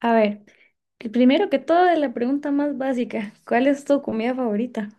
A ver, el primero que todo es la pregunta más básica. ¿Cuál es tu comida favorita?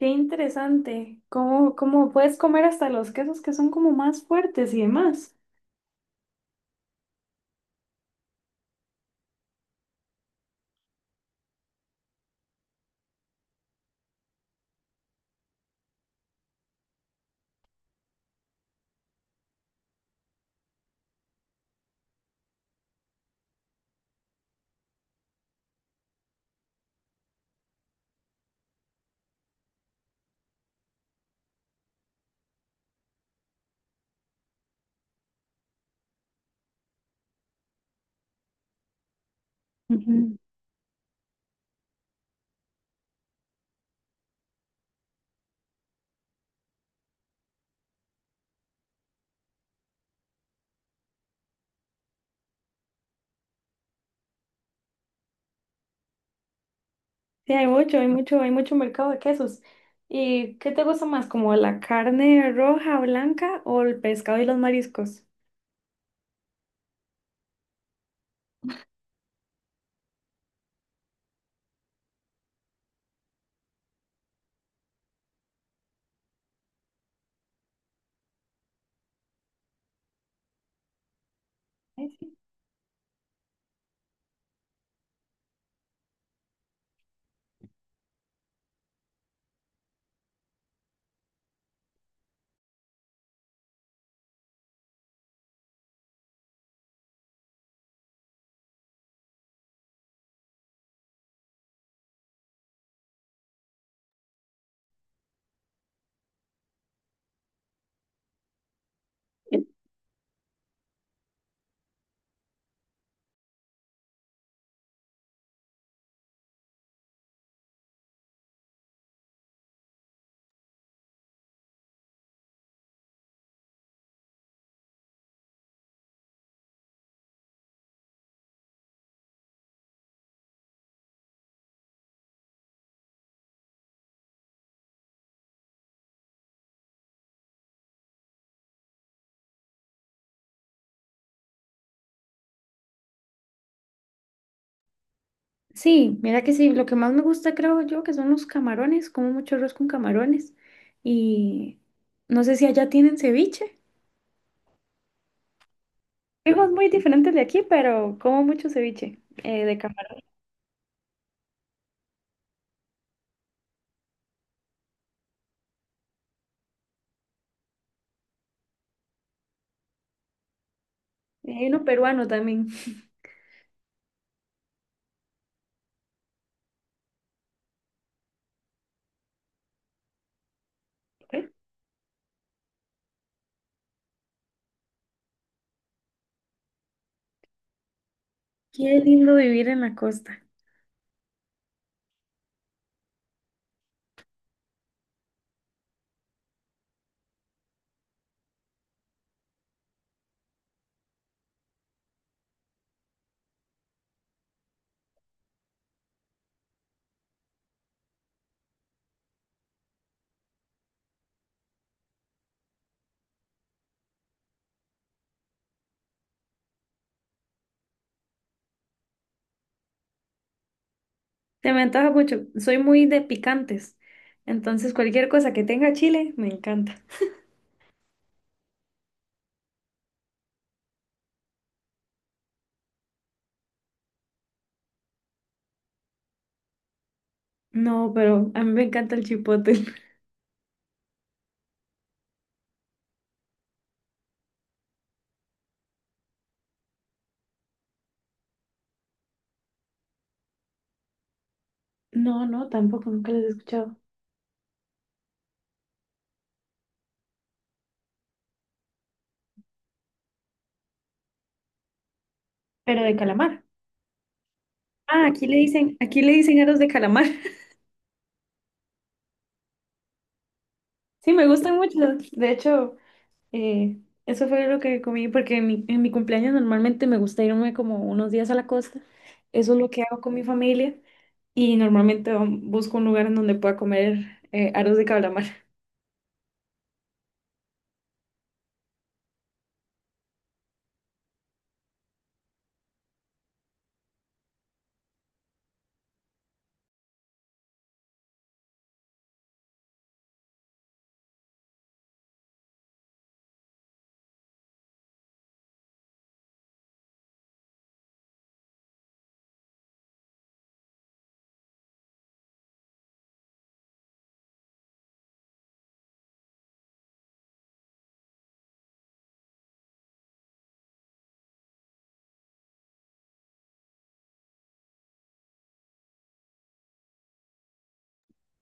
Qué interesante. ¿Cómo puedes comer hasta los quesos que son como más fuertes y demás? Ujú. Sí, hay mucho, hay mucho, hay mucho mercado de quesos. ¿Y qué te gusta más, como la carne roja, blanca o el pescado y los mariscos? Ay, sí. Eh, Sí, mira que sí, lo que más me gusta creo yo que son los camarones, como mucho arroz con camarones y no sé si allá tienen ceviche. Frijos muy diferentes de aquí, pero como mucho ceviche de camarón. Y hay uno peruano también. ¿Eh? Qué lindo vivir en la costa. Te me antoja mucho. Soy muy de picantes. Entonces, cualquier cosa que tenga chile, me encanta. No, pero a mí me encanta el chipotle. No, no, tampoco, nunca los he escuchado. Pero de calamar. Ah, aquí le dicen aros de calamar. Sí, me gustan mucho. De hecho. Eh, eso fue lo que comí porque en mi cumpleaños normalmente me gusta irme como unos días a la costa. Eso es lo que hago con mi familia y normalmente busco un lugar en donde pueda comer aros de calamar.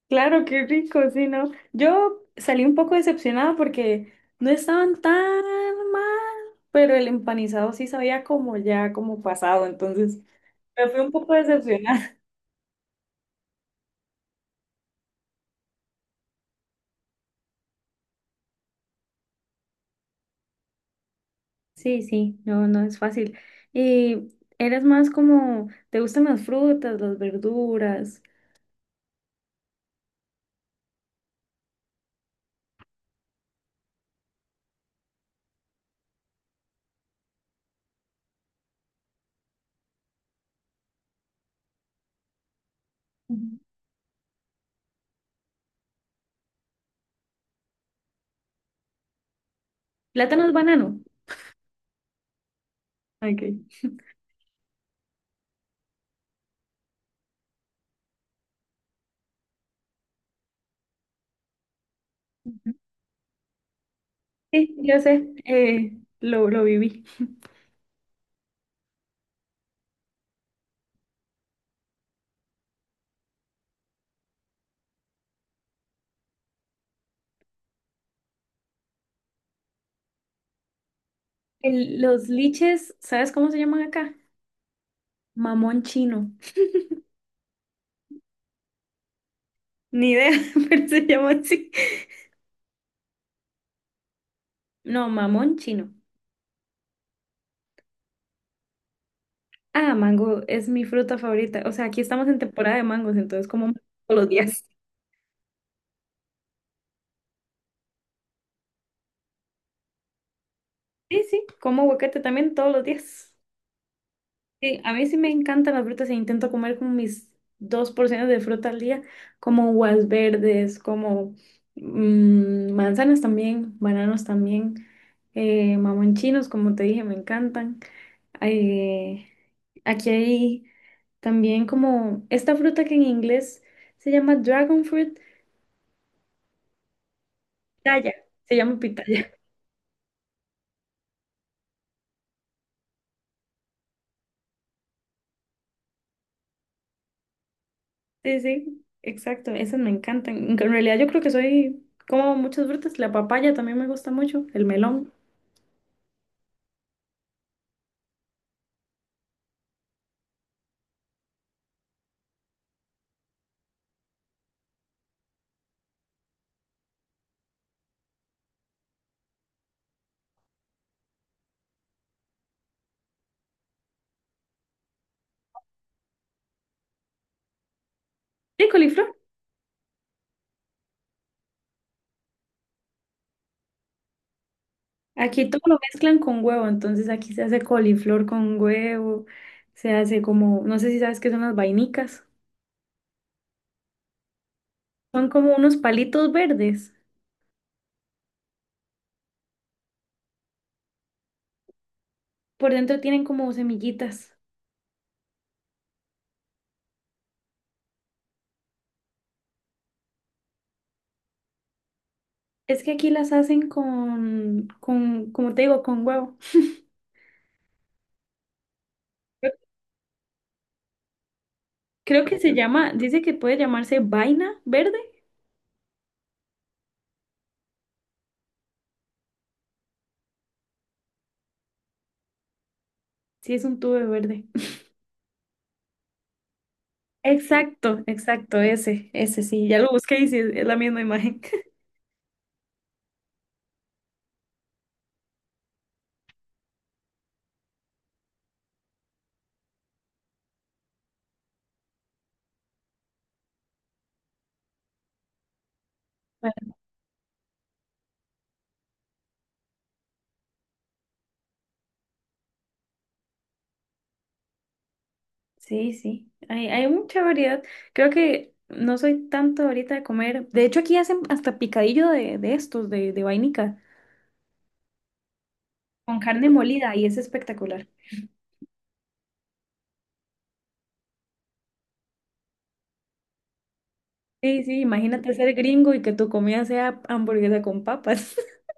Claro, qué rico, sí, ¿no? Yo salí un poco decepcionada porque no estaban tan mal, pero el empanizado sí sabía como ya, como pasado, entonces me fui un poco decepcionada. Sí, sí, no, no es fácil. Y eres más como, ¿te gustan las frutas, las verduras? Ujú. Plátanos, banano. Okay. Sí, yo sé, lo viví. Los liches, ¿sabes cómo se llaman acá? Mamón chino. Ni idea, pero se llama así. No, mamón chino. Ah, mango es mi fruta favorita. O sea, aquí estamos en temporada de mangos, entonces como mango todos los días. Sí, sí, como aguacate también todos los días. Sí, a mí sí me encantan las frutas e intento comer como mis dos porciones de fruta al día, como uvas verdes, como manzanas también, bananos también, mamonchinos, como te dije, me encantan. Eh, aquí hay también como esta fruta que en inglés se llama dragon fruit, pitaya, se llama pitaya. Sí, sí, exacto, esas me encantan. En realidad yo creo que soy, como muchas frutas, la papaya también me gusta mucho, el melón. Sí, coliflor. Aquí todo lo mezclan con huevo, entonces aquí se hace coliflor con huevo, se hace como, no sé si sabes qué son las vainicas. Son como unos palitos verdes. Por dentro tienen como semillitas. Es que aquí las hacen como te digo, con huevo. Creo que se llama, dice que puede llamarse vaina verde. Sí, es un tubo verde. Exacto, exacto, ese sí. Ya lo busqué y sí, es la misma imagen. Sí, sí, hay mucha variedad. Creo que no soy tanto ahorita de comer. De hecho, aquí hacen hasta picadillo de estos, de vainica, con carne molida y es espectacular. Sí, sí, imagínate ser gringo y que tu comida sea hamburguesa con papas.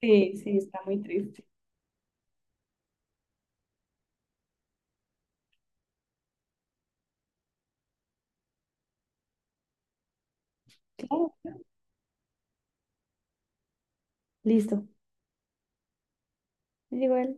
Sí, sí, está muy triste. Claro. Listo. Igual.